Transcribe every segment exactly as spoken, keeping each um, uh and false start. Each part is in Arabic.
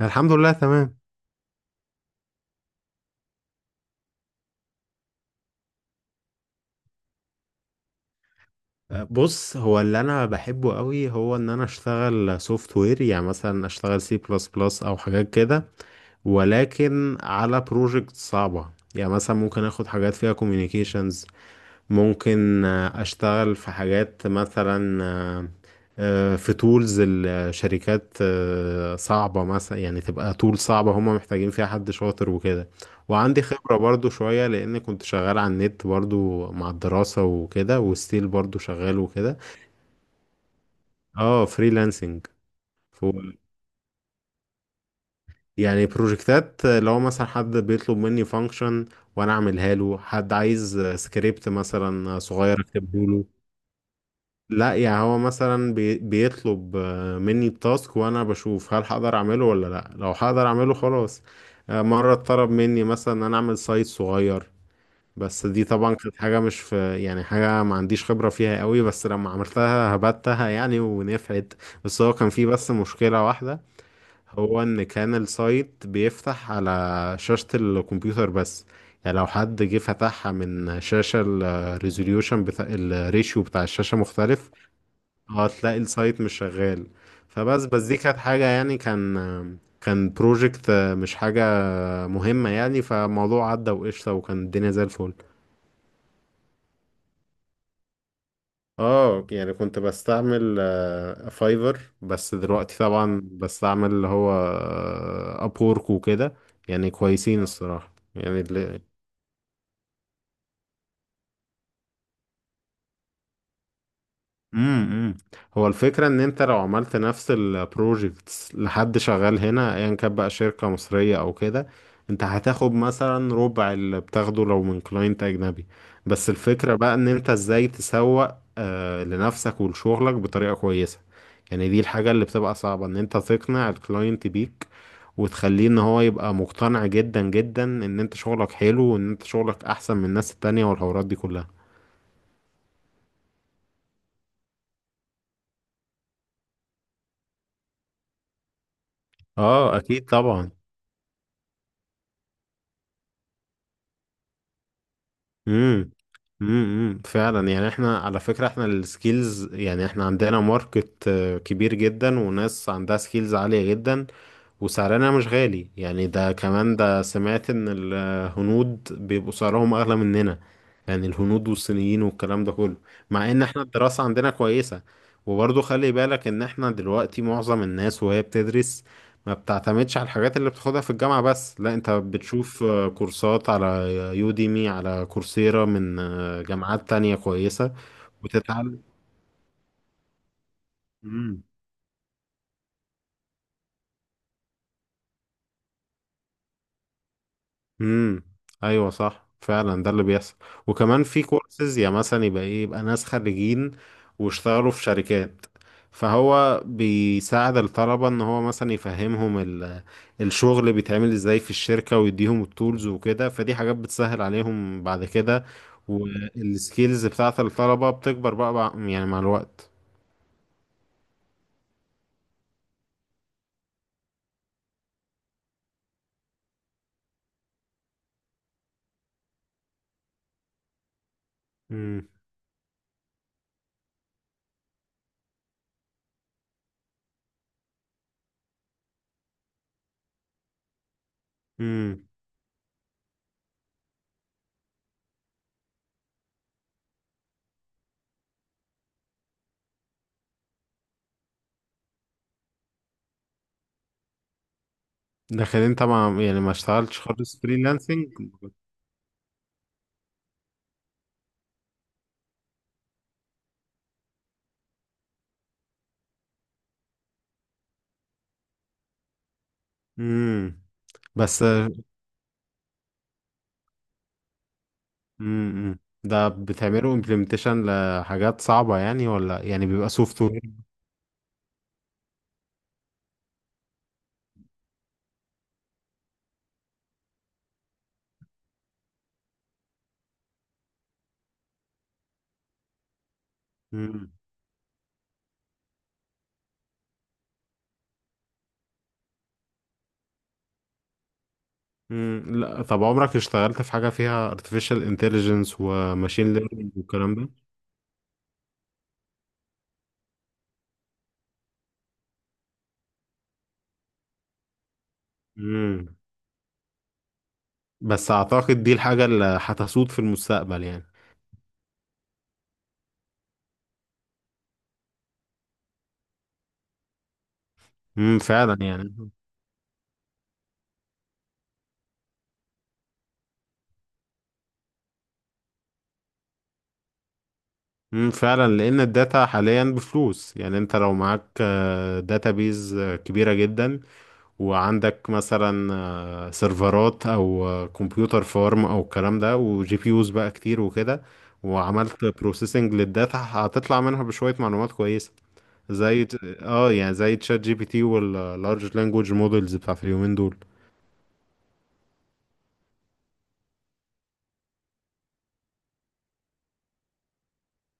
الحمد لله، تمام. بص، هو اللي انا بحبه قوي هو ان انا اشتغل سوفت وير، يعني مثلا اشتغل سي بلس بلس او حاجات كده، ولكن على بروجكت صعبة. يعني مثلا ممكن اخد حاجات فيها communications، ممكن آه، اشتغل في حاجات مثلا آه، آه، في تولز الشركات آه، صعبة، مثلا يعني تبقى تول صعبة هما محتاجين فيها حد شاطر وكده. وعندي خبرة برضو شوية، لأن كنت شغال على النت برضو مع الدراسة وكده، وستيل برضو شغال وكده. اه، فريلانسنج. يعني بروجكتات، آه، لو مثلا حد بيطلب مني فانكشن وانا اعملها له، حد عايز سكريبت مثلا صغير اكتبه له. لا، يعني هو مثلا بي- بيطلب آه، مني التاسك وانا بشوف هل هقدر اعمله ولا لا، لو هقدر اعمله خلاص. آه، مرة اتطلب مني مثلا ان انا اعمل سايت صغير، بس دي طبعا كانت حاجة مش في، يعني حاجة ما عنديش خبرة فيها قوي، بس لما عملتها هبتها يعني ونفعت. بس هو كان فيه بس مشكلة واحدة، هو ان كان السايت بيفتح على شاشة الكمبيوتر بس. يعني لو حد جه فتحها من شاشة الريزوليوشن بتاع الريشيو بتاع الشاشة مختلف، هتلاقي السايت مش شغال. فبس بس دي كانت حاجة، يعني كان كان بروجكت مش حاجة مهمة يعني، فالموضوع عدى وقشطة، وكان الدنيا زي الفل. اه، يعني كنت بستعمل آه، فايفر، بس دلوقتي طبعا بستعمل اللي هو آه، ابورك وكده. يعني كويسين الصراحة يعني. امم، امم. هو الفكرة ان انت لو عملت نفس البروجكتس لحد شغال هنا ايا كان، بقى شركة مصرية او كده، انت هتاخد مثلا ربع اللي بتاخده لو من كلاينت اجنبي. بس الفكرة بقى ان انت ازاي تسوق آه، لنفسك ولشغلك بطريقة كويسة. يعني دي الحاجة اللي بتبقى صعبة، ان انت تقنع الكلاينت بيك، وتخليه ان هو يبقى مقتنع جدا جدا ان انت شغلك حلو وان انت شغلك احسن من الناس التانية والحوارات دي كلها. اه، اكيد طبعا. امم، امم، امم، فعلا، يعني احنا على فكرة، احنا السكيلز، يعني احنا عندنا ماركت آه، كبير جدا، وناس عندها سكيلز عالية جدا، وسعرنا مش غالي، يعني ده كمان. ده سمعت ان الهنود بيبقوا سعرهم اغلى مننا، يعني الهنود والصينيين والكلام ده كله. مع ان احنا الدراسة عندنا كويسة. وبرضه خلي بالك ان احنا دلوقتي معظم الناس وهي بتدرس ما بتعتمدش على الحاجات اللي بتاخدها في الجامعة بس، لا انت بتشوف آه، كورسات على يوديمي، على كورسيرا، من آه، جامعات تانية كويسة وتتعلم. امم. ايوه، صح، فعلا ده اللي بيحصل. وكمان في كورسز، يا مثلا يبقى ايه، يبقى ناس خريجين واشتغلوا في شركات، فهو بيساعد الطلبة ان هو مثلا يفهمهم ال- الشغل بيتعمل ازاي في الشركة، ويديهم التولز وكده، فدي حاجات بتسهل عليهم بعد كده. والسكيلز بتاعت الطلبة بتكبر بقى, بقى يعني مع الوقت. امم، امم. لكن انت ما يعني ما اشتغلتش خالص فريلانسنج؟ امم. بس. امم. ده بتعملوا امبلمنتيشن لحاجات صعبة يعني، ولا يعني بيبقى سوفت وير؟ امم، امم. لا، طب عمرك اشتغلت في حاجة فيها artificial intelligence وماشين ليرنينج والكلام ده؟ امم، بس اعتقد دي الحاجة اللي هتسود في المستقبل يعني. امم، فعلا يعني. امم، فعلا، لان الداتا حاليا بفلوس، يعني انت لو معاك داتابيز كبيرة جدا، وعندك مثلا آه، سيرفرات او آه، كمبيوتر فارم او الكلام ده، وجي بي يوز بقى كتير وكده، وعملت بروسيسنج للداتا، هتطلع منها بشوية معلومات كويسة. زي ت- اه، يعني زي تشات جي بي تي واللارج لانجوج مودلز بتاعت اليومين دول.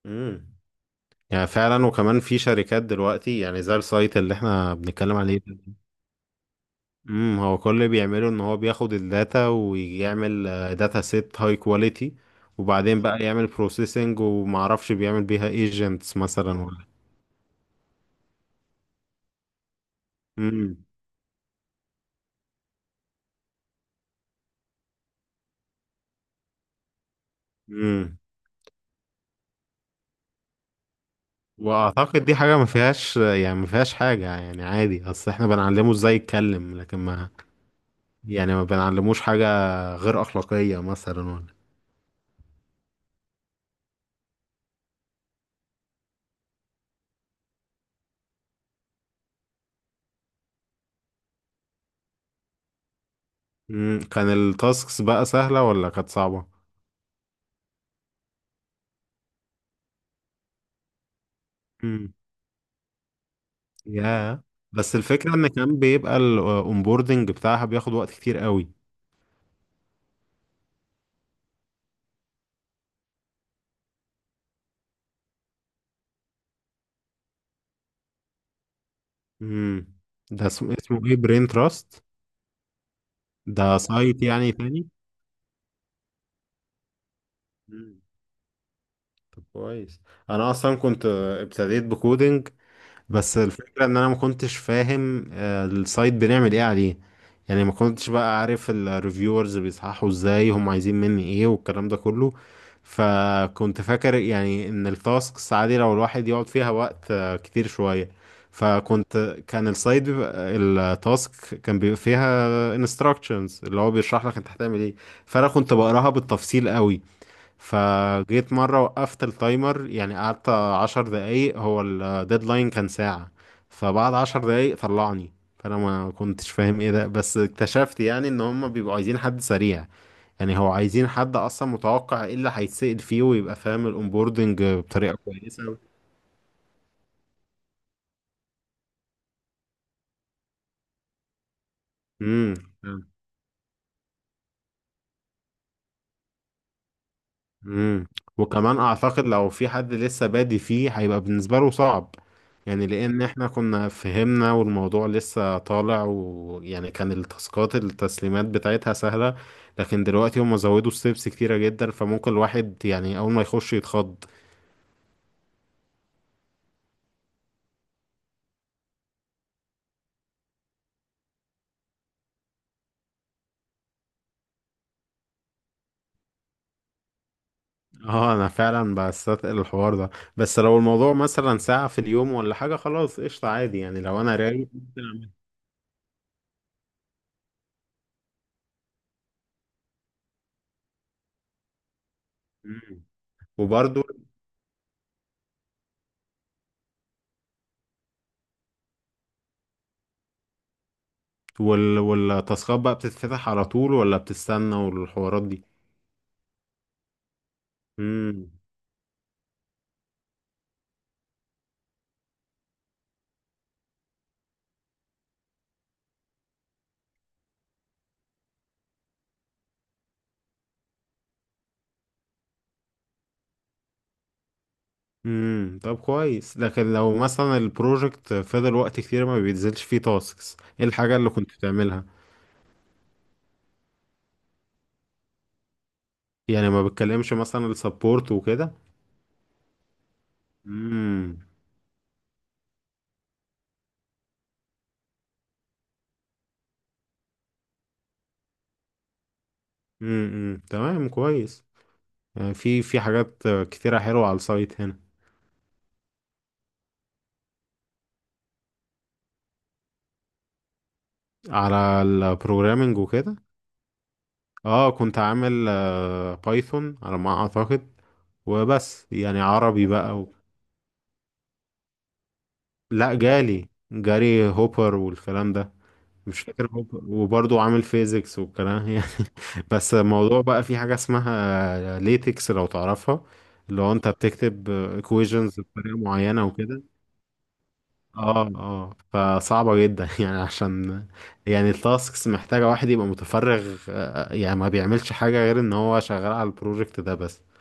امم، يعني فعلا، وكمان في شركات دلوقتي، يعني زي السايت اللي احنا بنتكلم عليه. امم. هو كل اللي بيعمله ان هو بياخد الداتا ويعمل آه، داتا سيت هاي كواليتي، وبعدين بقى يعمل بروسيسنج، ومعرفش بيعمل بيها ايجنتس مثلا ولا. امم، امم. واعتقد دي حاجه ما فيهاش، يعني ما فيهاش حاجه، يعني عادي. اصل احنا بنعلمه ازاي يتكلم، لكن ما يعني ما بنعلموش حاجه غير اخلاقيه مثلا ولا. امم، كان التاسكس بقى سهله ولا كانت صعبه؟ امم، يا بس الفكره ان كان بيبقى الاونبوردنج بتاعها بياخد وقت كتير قوي. امم، ده اسمه اسمه ايه؟ برين تراست؟ ده سايت يعني تاني؟ مم. طب كويس. انا اصلا كنت ابتديت بكودينج، بس الفكرة ان انا ما كنتش فاهم آه، السايت بنعمل ايه عليه. يعني ما كنتش بقى عارف الريفيورز بيصححوا ازاي، هم عايزين مني ايه والكلام ده كله. فكنت فاكر يعني ان التاسكس عادي لو الواحد يقعد فيها وقت آه، كتير شوية. فكنت كان السايت بيبقى التاسك، كان بيبقى فيها instructions اللي هو بيشرح لك انت هتعمل ايه. فانا كنت بقراها بالتفصيل قوي. فجيت مرة وقفت التايمر، يعني قعدت عشر دقايق، هو الديدلاين كان ساعة. فبعد عشر دقايق طلعني، فأنا ما كنتش فاهم ايه ده، بس اكتشفت يعني ان هما بيبقوا عايزين حد سريع. يعني هو عايزين حد اصلا متوقع ايه اللي هيتسأل فيه ويبقى فاهم الاونبوردنج بطريقة كويسة. امم، امم. وكمان اعتقد لو في حد لسه بادي فيه هيبقى بالنسبه له صعب. يعني لان احنا كنا فهمنا والموضوع لسه طالع، ويعني كان التاسكات التسليمات بتاعتها سهله، لكن دلوقتي هم زودوا ستيبس كتيره جدا، فممكن الواحد يعني اول ما يخش يتخض. اه، انا فعلا بستثقل الحوار ده. بس لو الموضوع مثلا ساعه في اليوم ولا حاجه، خلاص قشطه، عادي، يعني لو انا رايق ممكن أعمل. مم. وبرضه وال... والتاسكات بقى بتتفتح على طول ولا بتستنى والحوارات دي؟ امم، امم. طب كويس. لكن لو مثلا البروجكت فضل وقت كتير ما بينزلش فيه تاسكس، ايه الحاجة اللي كنت بتعملها؟ يعني ما بتكلمش مثلا السبورت وكده؟ امم، امم. تمام، كويس. يعني في في حاجات كتيرة حلوة على السايت هنا. على البروجرامينج وكده. اه، كنت عامل آه، بايثون على ما اعتقد. وبس يعني عربي بقى و... لا، جالي جاري هوبر والكلام ده. مش فاكر هو، وبرضه عامل فيزيكس والكلام يعني. بس الموضوع بقى في حاجة اسمها ليتكس لو تعرفها، اللي هو انت بتكتب equations بطريقة معينة وكده. اه، اه، فصعبة جدا يعني، عشان يعني التاسكس محتاجة واحد يبقى متفرغ، آه، يعني ما بيعملش حاجة غير ان هو شغال على البروجكت ده بس.